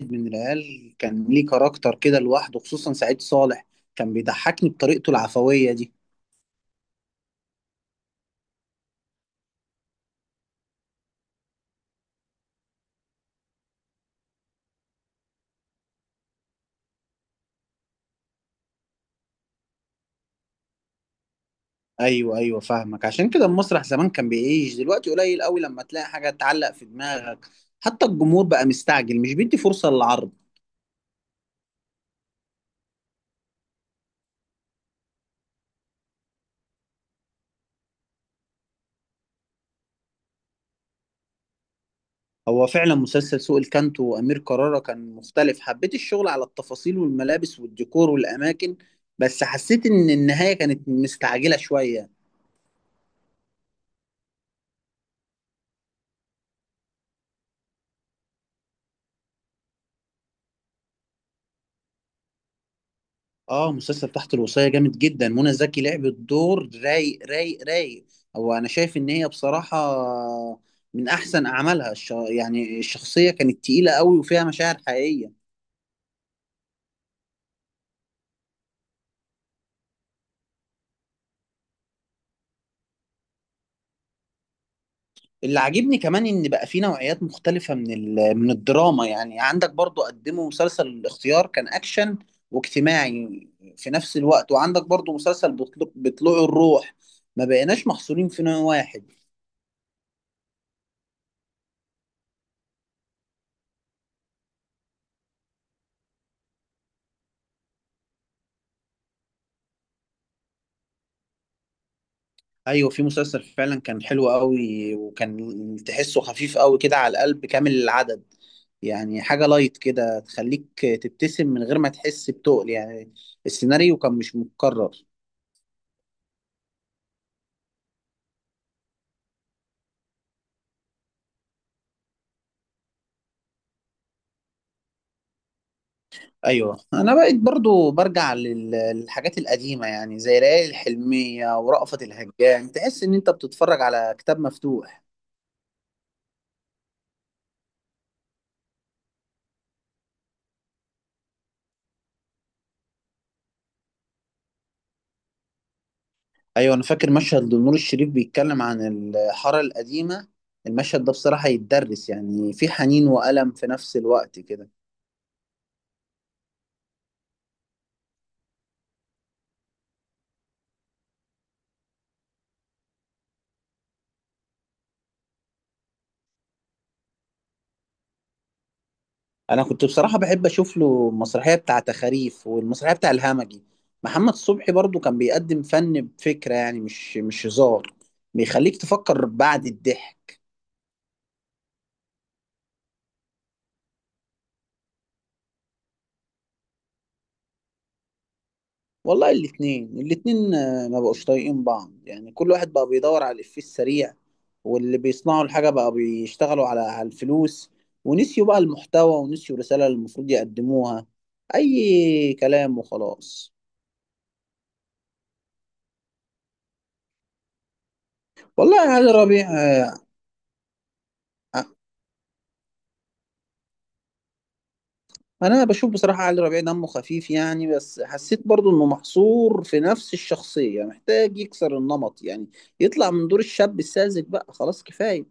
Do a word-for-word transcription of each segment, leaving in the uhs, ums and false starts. من العيال كان ليه كاركتر كده لوحده، خصوصا سعيد صالح. كان بيضحكني بطريقته العفوية دي. ايوه ايوه، فاهمك. عشان كده المسرح زمان كان بيعيش. دلوقتي قليل قوي لما تلاقي حاجة تعلق في دماغك. حتى الجمهور بقى مستعجل، مش بيدي فرصة للعرض. هو فعلا مسلسل سوق الكانتو وأمير كرارة كان مختلف. حبيت الشغل على التفاصيل والملابس والديكور والأماكن، بس حسيت إن النهاية كانت مستعجلة شوية. اه، مسلسل تحت الوصية جامد جدا. منى زكي لعبت دور رايق رايق رايق. هو انا شايف ان هي بصراحة من احسن اعمالها. الش... يعني الشخصية كانت تقيلة قوي وفيها مشاعر حقيقية. اللي عاجبني كمان ان بقى في نوعيات مختلفة من ال... من الدراما. يعني عندك برضو قدموا مسلسل الاختيار، كان اكشن واجتماعي في نفس الوقت، وعندك برضو مسلسل بطل... بطلوع الروح. ما بقيناش محصورين في نوع واحد. ايوه، في مسلسل فعلا كان حلو قوي وكان تحسه خفيف قوي كده على القلب، كامل العدد. يعني حاجه لايت كده تخليك تبتسم من غير ما تحس بتقل يعني. السيناريو كان مش متكرر. ايوه انا بقيت برضو برجع لل- للحاجات القديمه، يعني زي ليالي الحلميه ورأفت الهجان. تحس ان انت بتتفرج على كتاب مفتوح. ايوه انا فاكر مشهد لنور الشريف بيتكلم عن الحاره القديمه. المشهد ده بصراحه يتدرس، يعني في حنين وألم في نفس الوقت كده. انا كنت بصراحه بحب اشوف له المسرحيه بتاعه تخاريف والمسرحيه بتاع الهمجي. محمد صبحي برضو كان بيقدم فن بفكره، يعني مش مش هزار. بيخليك تفكر بعد الضحك. والله الاتنين الاتنين آه، ما بقوش طايقين بعض. يعني كل واحد بقى بيدور على الإفيه السريع، واللي بيصنعوا الحاجه بقى بيشتغلوا على على الفلوس. ونسيوا بقى المحتوى ونسيوا الرساله اللي المفروض يقدموها. اي كلام وخلاص. والله يا علي ربيع آه، انا بشوف بصراحه علي ربيع دمه خفيف يعني، بس حسيت برضو انه محصور في نفس الشخصيه، محتاج يكسر النمط يعني. يطلع من دور الشاب الساذج، بقى خلاص كفايه.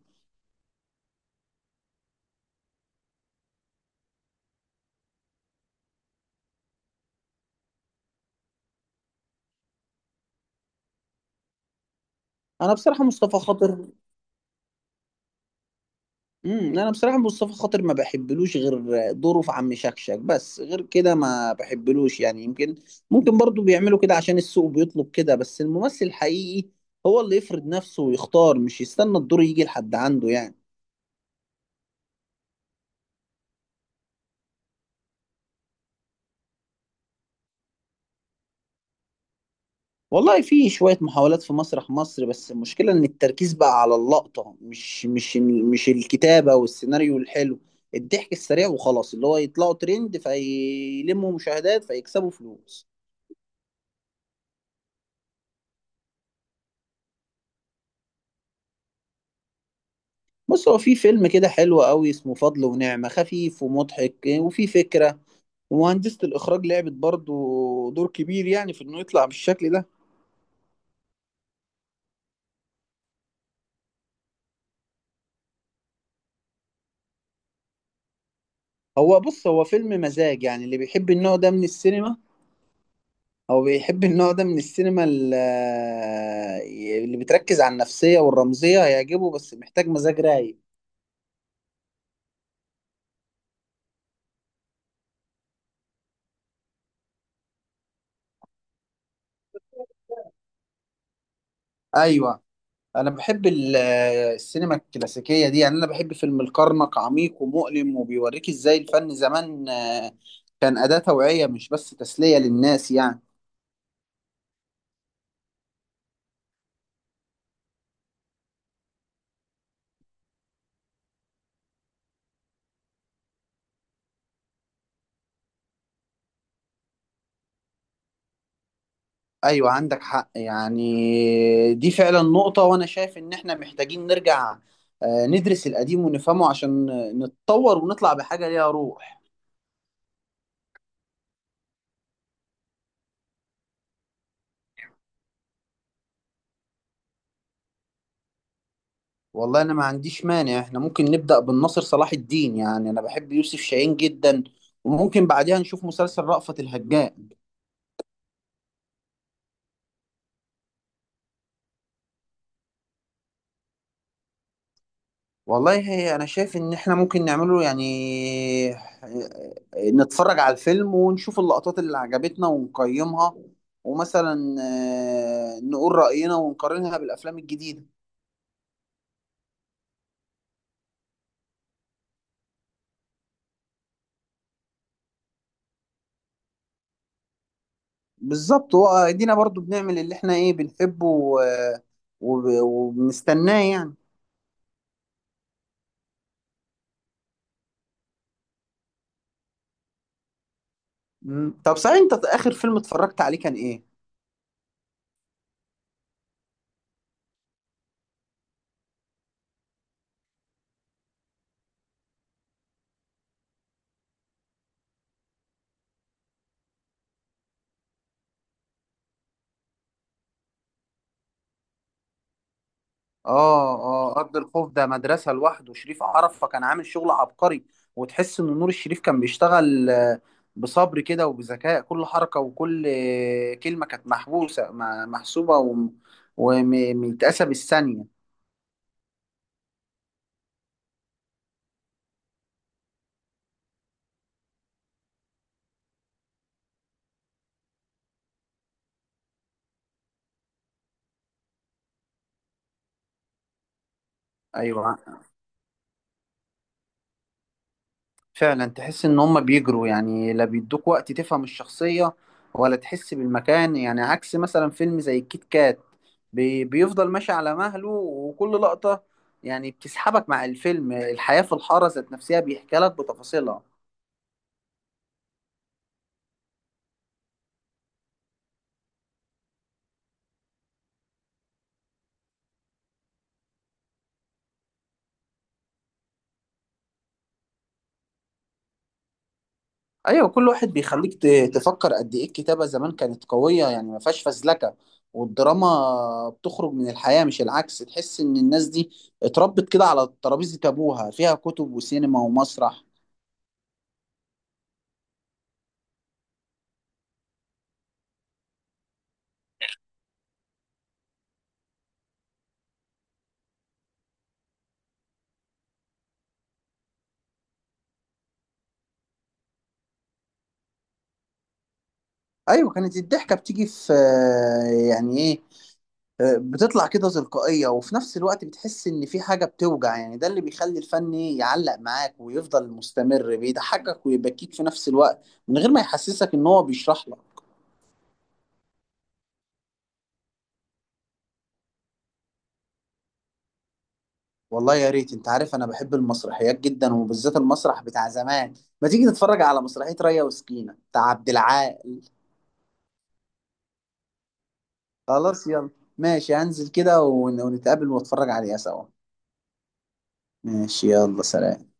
انا بصراحه مصطفى خاطر. امم انا بصراحه مصطفى خاطر ما بحبلوش غير دوره في عم شكشك، بس غير كده ما بحبلوش يعني. يمكن ممكن برضو بيعملوا كده عشان السوق بيطلب كده، بس الممثل الحقيقي هو اللي يفرض نفسه ويختار، مش يستنى الدور يجي لحد عنده يعني. والله في شوية محاولات في مسرح مصر، بس المشكلة إن التركيز بقى على اللقطة، مش مش مش الكتابة والسيناريو الحلو. الضحك السريع وخلاص، اللي هو يطلعوا ترند، فيلموا مشاهدات، فيكسبوا فلوس. بص، هو في فيلم كده حلو قوي اسمه فضل ونعمة. خفيف ومضحك وفي فكرة، ومهندسة الإخراج لعبت برضو دور كبير يعني في إنه يطلع بالشكل ده. هو بص هو فيلم مزاج، يعني اللي بيحب النوع ده من السينما، هو بيحب النوع ده من السينما ال- اللي بتركز على النفسية والرمزية هيعجبه، بس محتاج مزاج رايق. ايوه، انا بحب ال- السينما الكلاسيكية دي. يعني انا بحب فيلم الكرنك، عميق ومؤلم وبيوريك ازاي الفن زمان آه، كان أداة توعية مش بس تسلية للناس يعني. ايوه عندك حق، يعني دي فعلا نقطة، وانا شايف ان احنا محتاجين نرجع آه، ندرس القديم ونفهمه عشان نتطور ونطلع بحاجة ليها روح. والله انا ما عنديش مانع، احنا ممكن نبدأ بالناصر صلاح الدين، يعني انا بحب يوسف شاهين جدا، وممكن بعدها نشوف مسلسل رأفت الهجان. والله هي انا شايف ان احنا ممكن نعمله، يعني آه، نتفرج على الفيلم ونشوف اللقطات اللي عجبتنا ونقيمها، ومثلا آه، نقول رأينا ونقارنها بالافلام الجديدة. بالظبط، وادينا برضو بنعمل اللي احنا ايه بنحبه و- وب- وبنستناه يعني. مم. طب صحيح، انت اخر فيلم اتفرجت عليه كان ايه؟ اه. اه، ارض الخوف ده مدرسه لوحده. شريف عرفه كان عامل شغل عبقري. وتحس ان نور الشريف كان بيشتغل آه، بصبر كده وبذكاء. كل حركه وكل آه، كلمه كانت محبوسه ما- محسوبه وم- ومتقاسه بالثانيه. ايوه فعلا، تحس ان هم بيجروا يعني. لا بيدوك وقت تفهم الشخصيه ولا تحس بالمكان، يعني عكس مثلا فيلم زي الكيت كات. بي- بيفضل ماشي على مهله، وكل لقطة يعني بتسحبك مع الفيلم. الحياة في الحارة ذات نفسها بيحكي لك بتفاصيلها. ايوه، كل واحد بيخليك ت- تفكر قد ايه الكتابة زمان كانت قوية، يعني ما فيهاش فزلكة، والدراما بتخرج من الحياة مش العكس. تحس ان الناس دي اتربت كده على ترابيزة ابوها فيها كتب وسينما ومسرح. ايوه كانت الضحكة بتيجي في، يعني ايه، بتطلع كده تلقائية، وفي نفس الوقت بتحس إن في حاجة بتوجع يعني. ده اللي بيخلي الفن يعلق معاك ويفضل مستمر، بيضحكك ويبكيك في نفس الوقت من غير ما يحسسك إن هو بيشرح لك. والله يا ريت، أنت عارف أنا بحب المسرحيات جدا وبالذات المسرح بتاع زمان. ما تيجي تتفرج على مسرحية ريا وسكينة بتاع عبد العال. خلاص يلا. ماشي، هنزل كده ون- ونتقابل واتفرج عليها سوا. ماشي، يلا سلام.